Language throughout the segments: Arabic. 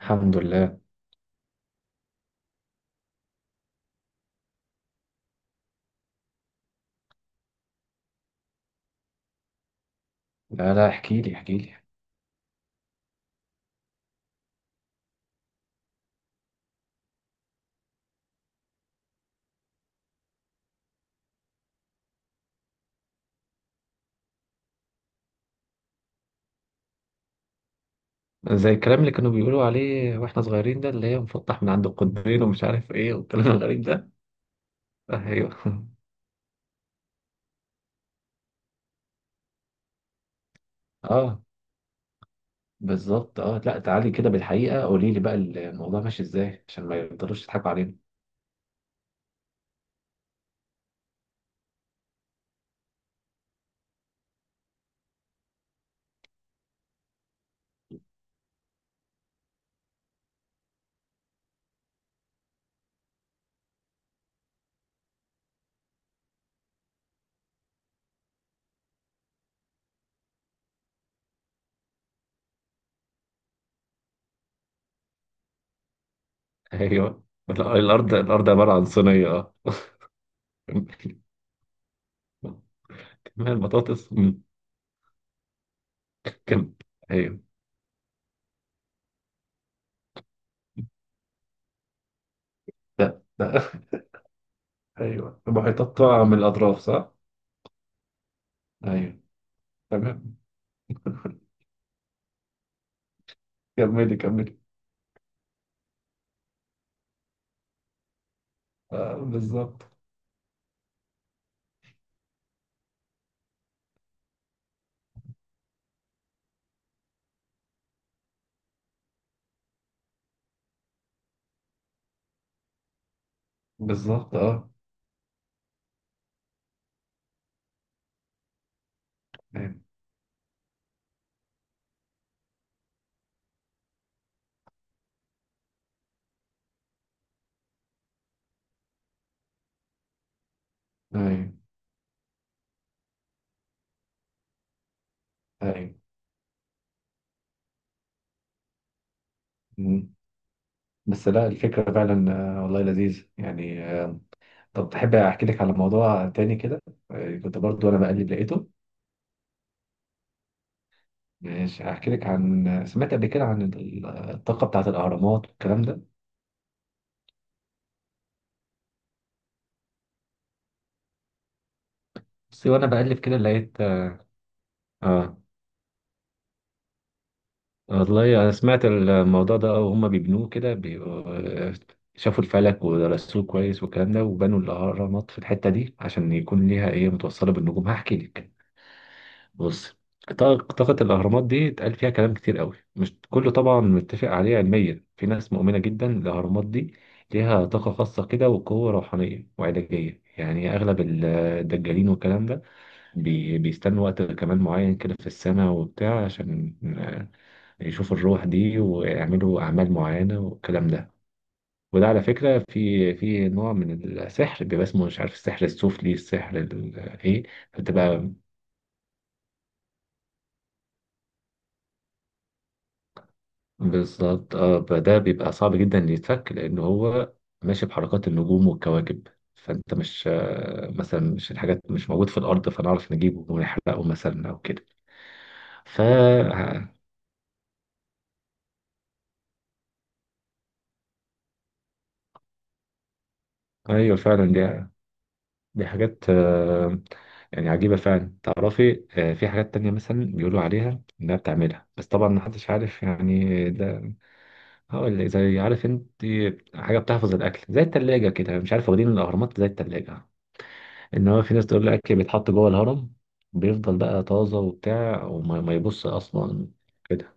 الحمد لله. لا، احكي لي احكي لي. زي الكلام اللي كانوا بيقولوا عليه واحنا صغيرين ده اللي هي مفتح من عند القطبين ومش عارف ايه والكلام الغريب ده. ايوه اه، بالظبط اه، لا تعالي كده بالحقيقة قولي لي بقى الموضوع ماشي ازاي عشان ما يفضلوش يضحكوا علينا. ايوه لا، الارض عبارة عن صينية اه. كمان البطاطس كم. ايوه. لا ايوه، المحيطات طالعة من الاطراف صح؟ ايوه. تمام. كملي كملي. آه بالظبط. بالظبط اه. ايوه. ايوه ايوه. مم. بس لا، الفكرة فعلا والله لذيذ يعني طب تحب احكي لك على موضوع تاني كده؟ كنت برضو انا بقلب لقيته. ماشي، هحكي لك عن سمعت قبل كده عن الطاقة بتاعة الأهرامات والكلام ده. بس وانا بقلب كده لقيت اه. والله انا سمعت الموضوع ده اه، وهم بيبنوه كده آه، شافوا الفلك ودرسوه كويس والكلام ده، وبنوا الأهرامات في الحتة دي عشان يكون ليها ايه متوصلة بالنجوم. هحكي لك، بص. طاقة الأهرامات دي اتقال فيها كلام كتير قوي، مش كله طبعا متفق عليه علميا. في ناس مؤمنة جدا الأهرامات دي ليها طاقة خاصة كده وقوة روحانية وعلاجية، يعني أغلب الدجالين والكلام ده بيستنوا وقت كمان معين كده في السنة وبتاع عشان يشوفوا الروح دي ويعملوا أعمال معينة والكلام ده. وده على فكرة في نوع من السحر بيبقى اسمه مش عارف السحر السفلي، السحر ايه، بتبقى بالظبط اه. فده بيبقى صعب جدا إن يتفك لان هو ماشي بحركات النجوم والكواكب، فانت مش مثلا مش الحاجات مش موجود في الارض فنعرف نجيبه ونحرقه مثلا او كده. ف آه، ايوه فعلا، دي حاجات يعني عجيبة فعلا. تعرفي في حاجات تانية مثلا بيقولوا عليها انها بتعملها، بس طبعا محدش عارف يعني ده. هقول لك زي، عارف انت حاجة بتحفظ الاكل زي التلاجة كده مش عارف، واخدين الاهرامات زي التلاجة. ان هو في ناس تقول لك بيتحط جوه الهرم بيفضل بقى طازه وبتاع وما ما يبص اصلا كده،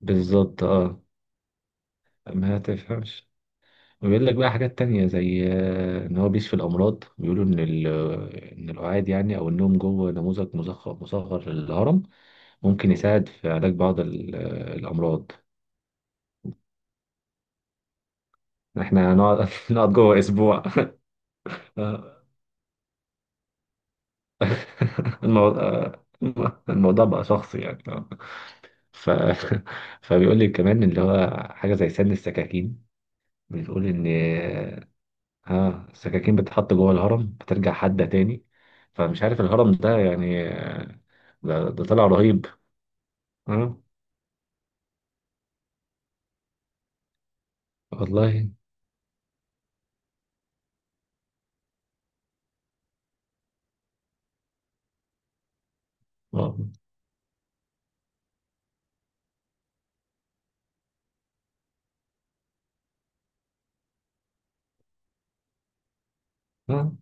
بالظبط اه. ما تفهمش. ويقول لك بقى حاجات تانية زي ان هو بيشفي الامراض، بيقولوا ان ان القعاد يعني او النوم جوه نموذج مصغر مصغر للهرم ممكن يساعد في علاج بعض الامراض. احنا هنقعد نقعد جوه اسبوع. آه، الموضوع الموضوع بقى شخصي يعني. ف... فبيقول لي كمان اللي هو حاجة زي سن السكاكين، بتقول إن ها السكاكين بتتحط جوه الهرم بترجع حادة تاني. فمش عارف الهرم ده يعني ده, ده طلع رهيب. ها والله اه اه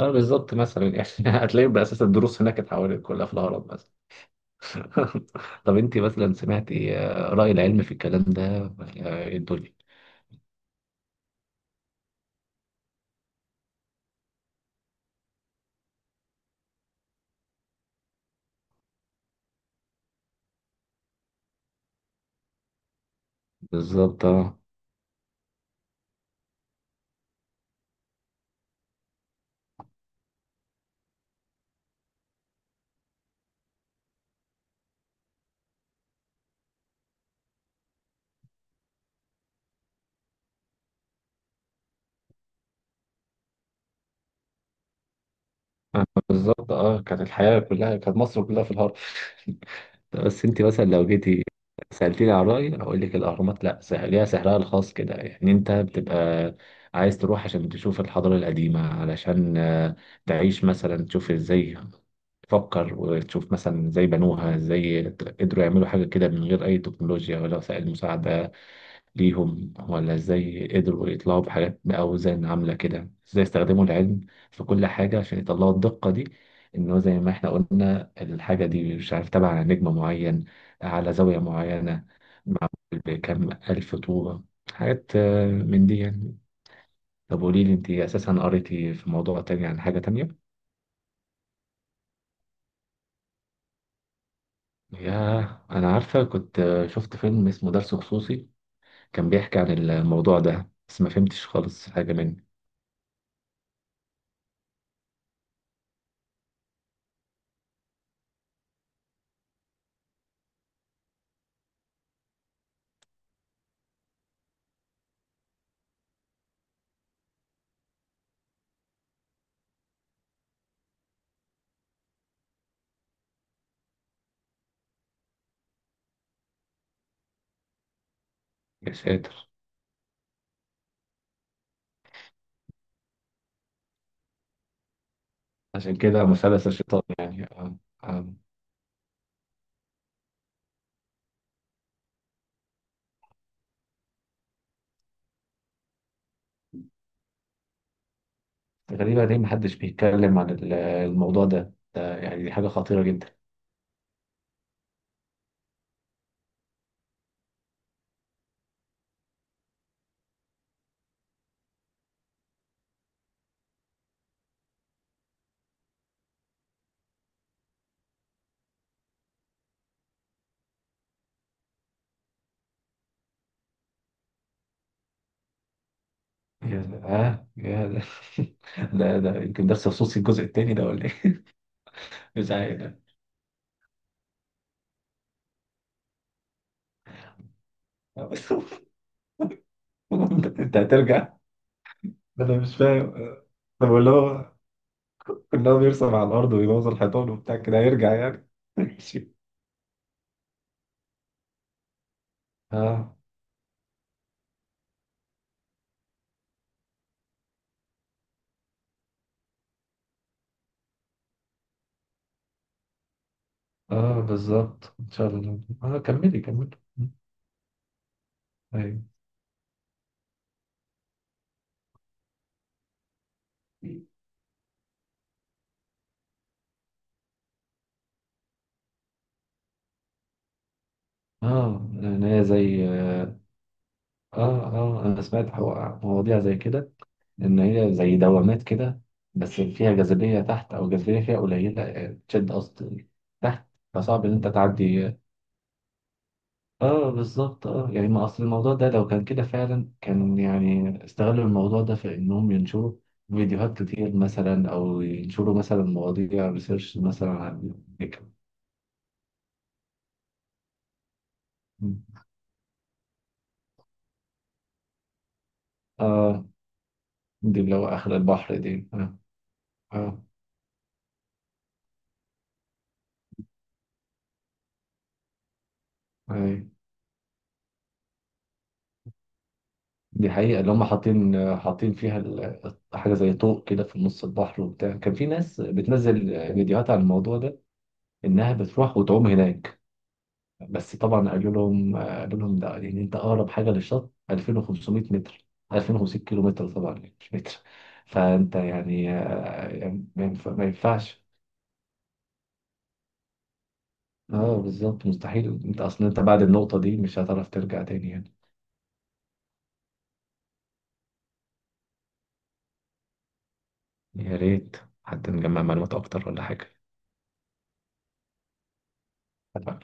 بالظبط مثلا يعني هتلاقي بأساس الدروس هناك اتحولت كلها في الهرم مثلا. طب انت مثلا سمعتي رأي العلم في الكلام ده ولا ايه الدنيا؟ بالظبط اه. بالظبط اه، كانت الحياة كلها كانت مصر كلها في الهرم. بس انت مثلا لو جيتي سألتيني على رأيي هقول لك الأهرامات لا، ليها سحرها الخاص كده يعني. انت بتبقى عايز تروح عشان تشوف الحضارة القديمة، علشان تعيش مثلا، تشوف ازاي تفكر وتشوف مثلا ازاي بنوها، ازاي قدروا يعملوا حاجة كده من غير أي تكنولوجيا ولا وسائل مساعدة ليهم، ولا ازاي قدروا يطلعوا بحاجات بأوزان عاملة كده، ازاي استخدموا العلم في كل حاجة عشان يطلعوا الدقة دي، انه زي ما احنا قلنا الحاجة دي مش عارف تبع على نجم معين، على زاوية معينة، معمول بكم ألف طوبة. حاجات من دي يعني. طب قولي لي انت اساسا قريتي في موضوع تاني عن حاجة تانية. ياه، انا عارفة، كنت شفت فيلم اسمه درس خصوصي كان بيحكي عن الموضوع ده، بس ما فهمتش خالص حاجة منه. يا ساتر. عشان كده مثلث الشيطان يعني آه. غريبة، ليه محدش بيتكلم عن الموضوع ده؟ ده يعني دي حاجة خطيرة جدا. يا ده آه يا ده. ده يمكن ده خصوصي الجزء التاني ده ولا ايه؟ مش عارف. انت هترجع؟ انا مش فاهم. طب اللي هو ان هو بيرسم على الارض ويبوظ الحيطان وبتاع كده هيرجع يعني؟ ماشي. اه اه بالظبط، ان شاء الله اه، كملي كملي. ايوه اه. انا زي اه اه انا سمعت مواضيع زي كده ان هي زي دوامات كده، بس فيها جاذبيه تحت او جاذبيه فيها قليله تشد قصدي تحت، فصعب ان انت تعدي. اه بالظبط اه، يعني ما اصل الموضوع ده لو كان كده فعلا كان يعني استغلوا الموضوع ده في انهم ينشروا فيديوهات كتير مثلا، او ينشروا مثلا مواضيع ريسيرش مثلا عن الفكرة. اه، دي اللي هو اخر البحر دي اه. اه أيوة. دي حقيقة، اللي هم حاطين فيها حاجة زي طوق كده في نص البحر وبتاع، كان في ناس بتنزل فيديوهات عن الموضوع ده. إنها بتروح وتعوم هناك. بس طبعا قالوا لهم، قالوا لهم ده يعني أنت أقرب حاجة للشط 2500 متر، 2500 كيلو متر طبعا يعني مش متر. فأنت يعني يعني ما ينفعش. اه بالظبط، مستحيل انت اصلا انت بعد النقطة دي مش هتعرف ترجع تاني يعني. يا ريت، حد نجمع معلومات اكتر ولا حاجة.